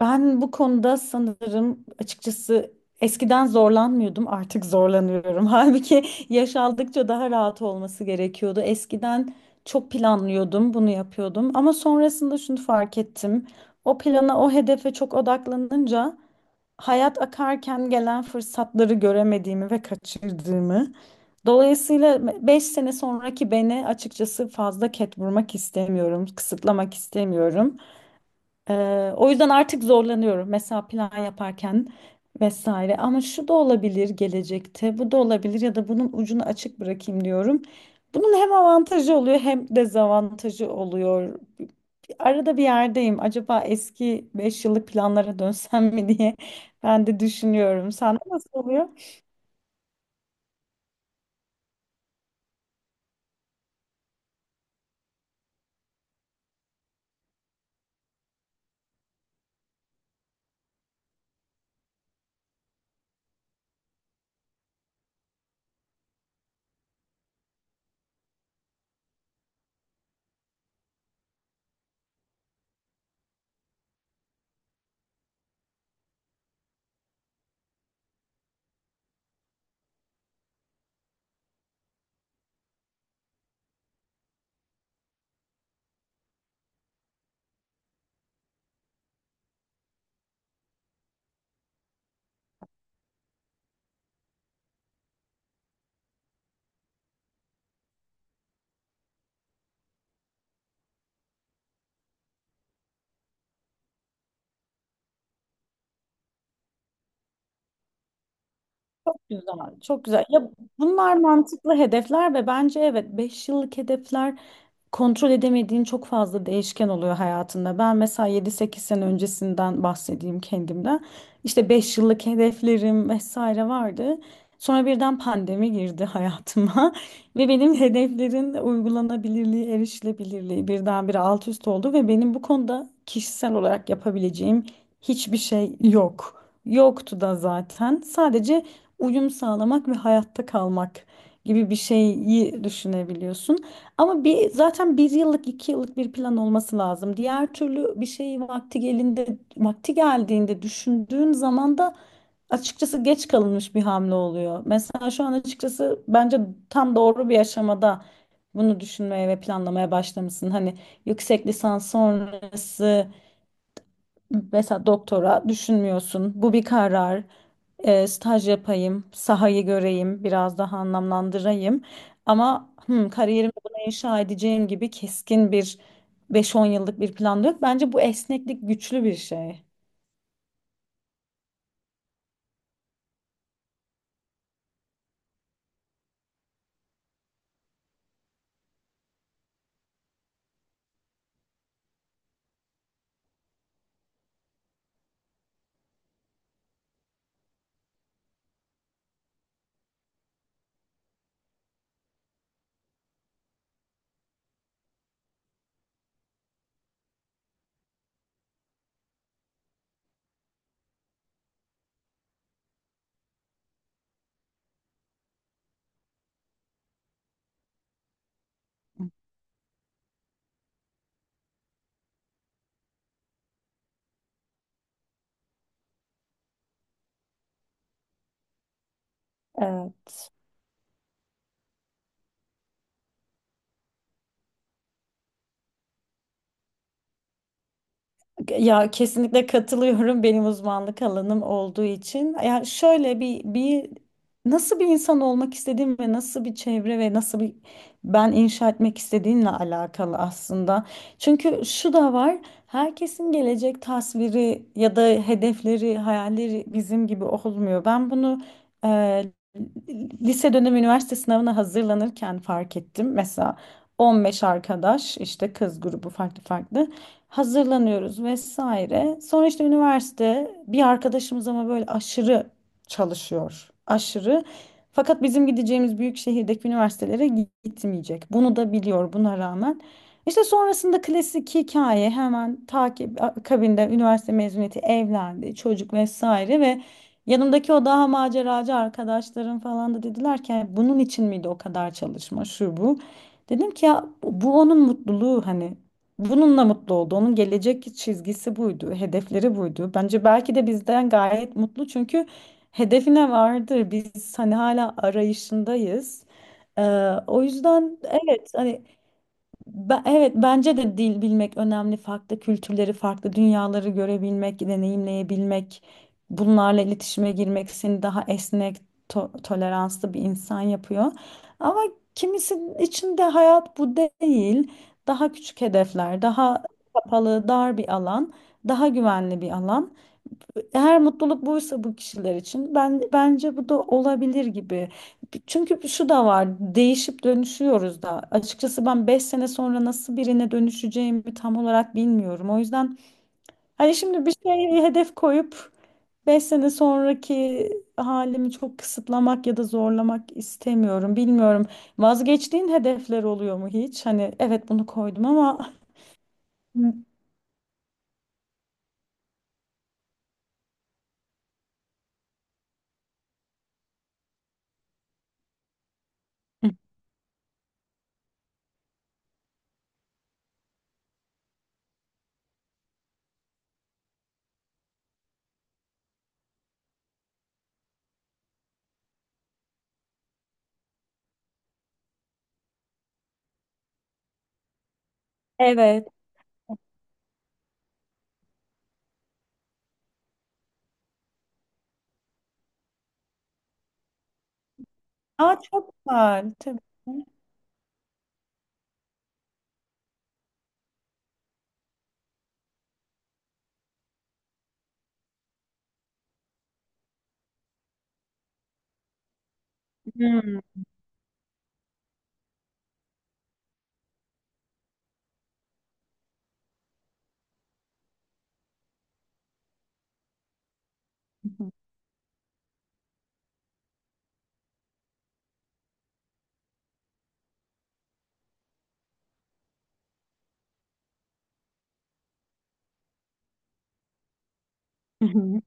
Ben bu konuda sanırım açıkçası eskiden zorlanmıyordum, artık zorlanıyorum. Halbuki yaş aldıkça daha rahat olması gerekiyordu. Eskiden çok planlıyordum, bunu yapıyordum ama sonrasında şunu fark ettim. O plana, o hedefe çok odaklanınca hayat akarken gelen fırsatları göremediğimi ve kaçırdığımı. Dolayısıyla 5 sene sonraki beni açıkçası fazla ket vurmak istemiyorum, kısıtlamak istemiyorum. O yüzden artık zorlanıyorum. Mesela plan yaparken vesaire. Ama şu da olabilir gelecekte, bu da olabilir ya da bunun ucunu açık bırakayım diyorum. Bunun hem avantajı oluyor hem dezavantajı oluyor. Arada bir yerdeyim. Acaba eski 5 yıllık planlara dönsem mi diye ben de düşünüyorum. Sen nasıl oluyor? Çok güzel, çok güzel. Ya bunlar mantıklı hedefler ve bence evet 5 yıllık hedefler kontrol edemediğin çok fazla değişken oluyor hayatında. Ben mesela 7 8 sene öncesinden bahsedeyim kendimden. İşte 5 yıllık hedeflerim vesaire vardı. Sonra birden pandemi girdi hayatıma ve benim hedeflerin uygulanabilirliği, erişilebilirliği birdenbire alt üst oldu ve benim bu konuda kişisel olarak yapabileceğim hiçbir şey yok. Yoktu da zaten. Sadece uyum sağlamak ve hayatta kalmak gibi bir şeyi düşünebiliyorsun. Ama zaten 1 yıllık 2 yıllık bir plan olması lazım. Diğer türlü bir şeyi vakti geldiğinde düşündüğün zaman da açıkçası geç kalınmış bir hamle oluyor. Mesela şu an açıkçası bence tam doğru bir aşamada bunu düşünmeye ve planlamaya başlamışsın. Hani yüksek lisans sonrası. Mesela doktora düşünmüyorsun. Bu bir karar. Staj yapayım, sahayı göreyim, biraz daha anlamlandırayım. Ama kariyerimi buna inşa edeceğim gibi keskin bir 5-10 yıllık bir plan da yok. Bence bu esneklik güçlü bir şey. Evet. Ya kesinlikle katılıyorum benim uzmanlık alanım olduğu için. Ya şöyle bir nasıl bir insan olmak istediğim ve nasıl bir çevre ve nasıl bir ben inşa etmek istediğimle alakalı aslında. Çünkü şu da var. Herkesin gelecek tasviri ya da hedefleri, hayalleri bizim gibi olmuyor. Ben bunu e, lise dönemi üniversite sınavına hazırlanırken fark ettim. Mesela 15 arkadaş işte kız grubu farklı farklı hazırlanıyoruz vesaire. Sonra işte üniversite bir arkadaşımız ama böyle aşırı çalışıyor. Aşırı. Fakat bizim gideceğimiz büyük şehirdeki üniversitelere gitmeyecek. Bunu da biliyor buna rağmen. İşte sonrasında klasik hikaye hemen takip akabinde üniversite mezuniyeti evlendi çocuk vesaire ve yanımdaki o daha maceracı arkadaşlarım falan da dediler ki "Yani bunun için miydi o kadar çalışma şu bu." Dedim ki ya bu onun mutluluğu hani. Bununla mutlu oldu. Onun gelecek çizgisi buydu, hedefleri buydu. Bence belki de bizden gayet mutlu çünkü hedefine vardır. Biz hani hala arayışındayız. Ee, O yüzden evet hani evet bence de dil bilmek önemli. Farklı kültürleri, farklı dünyaları görebilmek, deneyimleyebilmek, bunlarla iletişime girmek seni daha esnek, toleranslı bir insan yapıyor. Ama kimisinin içinde hayat bu değil. Daha küçük hedefler, daha kapalı, dar bir alan, daha güvenli bir alan. Eğer mutluluk buysa bu kişiler için ben bence bu da olabilir gibi. Çünkü şu da var. Değişip dönüşüyoruz da. Açıkçası ben 5 sene sonra nasıl birine dönüşeceğimi tam olarak bilmiyorum. O yüzden hani şimdi bir şeye hedef koyup 5 sene sonraki halimi çok kısıtlamak ya da zorlamak istemiyorum. Bilmiyorum. Vazgeçtiğin hedefler oluyor mu hiç? Hani evet bunu koydum ama evet. Aa, çok var tabii.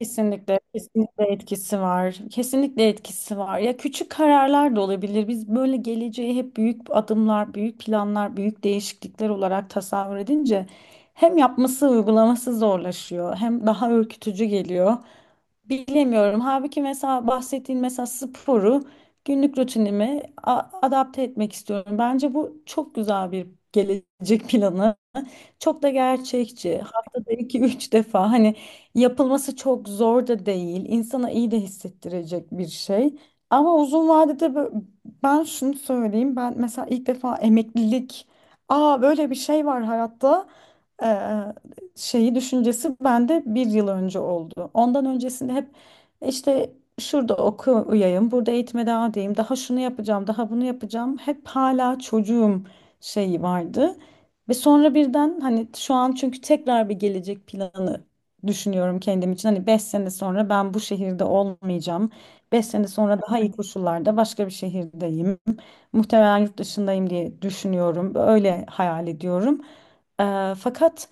Kesinlikle, kesinlikle etkisi var. Kesinlikle etkisi var. Ya küçük kararlar da olabilir. Biz böyle geleceği hep büyük adımlar, büyük planlar, büyük değişiklikler olarak tasavvur edince hem yapması, uygulaması zorlaşıyor, hem daha ürkütücü geliyor. Bilemiyorum. Halbuki mesela bahsettiğin mesela sporu günlük rutinime adapte etmek istiyorum. Bence bu çok güzel bir gelecek planı. Çok da gerçekçi. Haftada 2 3 defa hani yapılması çok zor da değil. İnsana iyi de hissettirecek bir şey. Ama uzun vadede ben şunu söyleyeyim. Ben mesela ilk defa emeklilik, aa böyle bir şey var hayatta eee, şeyi düşüncesi bende 1 yıl önce oldu. Ondan öncesinde hep işte şurada okuyayım, burada eğitime devam edeyim, daha şunu yapacağım, daha bunu yapacağım. Hep hala çocuğum şeyi vardı. Ve sonra birden hani şu an çünkü tekrar bir gelecek planı düşünüyorum kendim için. Hani 5 sene sonra ben bu şehirde olmayacağım. 5 sene sonra daha iyi koşullarda başka bir şehirdeyim. Muhtemelen yurt dışındayım diye düşünüyorum. Öyle hayal ediyorum. Fakat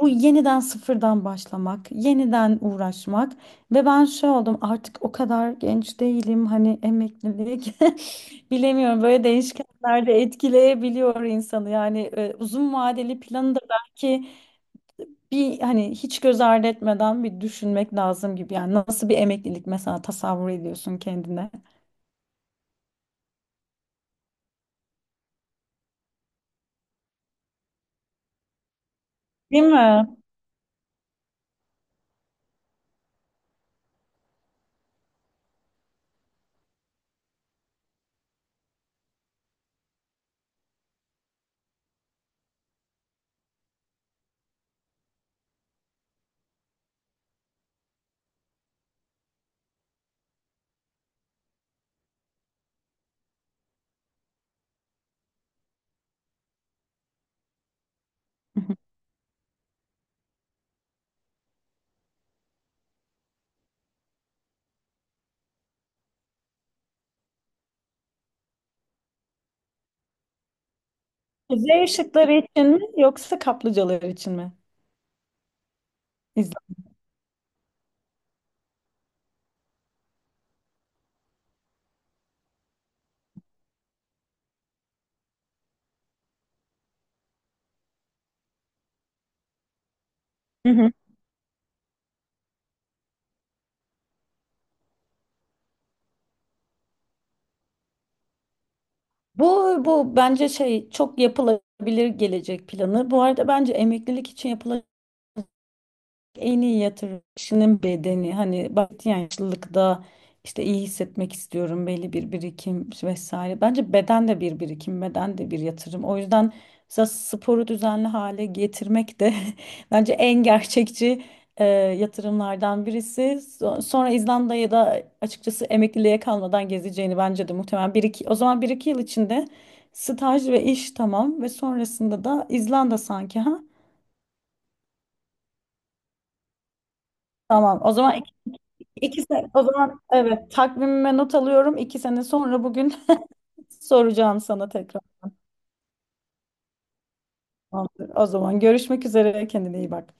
bu yeniden sıfırdan başlamak, yeniden uğraşmak ve ben şey oldum artık o kadar genç değilim hani emeklilik bilemiyorum böyle değişkenler de etkileyebiliyor insanı yani uzun vadeli planı da belki bir hani hiç göz ardı etmeden bir düşünmek lazım gibi yani nasıl bir emeklilik mesela tasavvur ediyorsun kendine değil mi? Z ışıkları için mi yoksa kaplıcalar için mi? İzle. Bu bu bence şey çok yapılabilir gelecek planı. Bu arada bence emeklilik için yapılabilir en iyi yatırım kişinin bedeni. Hani bahsettiğin yaşlılıkta işte iyi hissetmek istiyorum belli bir birikim vesaire. Bence beden de bir birikim, beden de bir yatırım. O yüzden mesela sporu düzenli hale getirmek de bence en gerçekçi yatırımlardan birisi. Sonra İzlanda'ya da açıkçası emekliliğe kalmadan gezeceğini bence de muhtemelen bir iki, o zaman 1 2 yıl içinde staj ve iş tamam ve sonrasında da İzlanda sanki ha. Tamam. O zaman 2 sene, o zaman evet takvimime not alıyorum. 2 sene sonra bugün soracağım sana tekrar. Tamamdır. O zaman görüşmek üzere. Kendine iyi bak.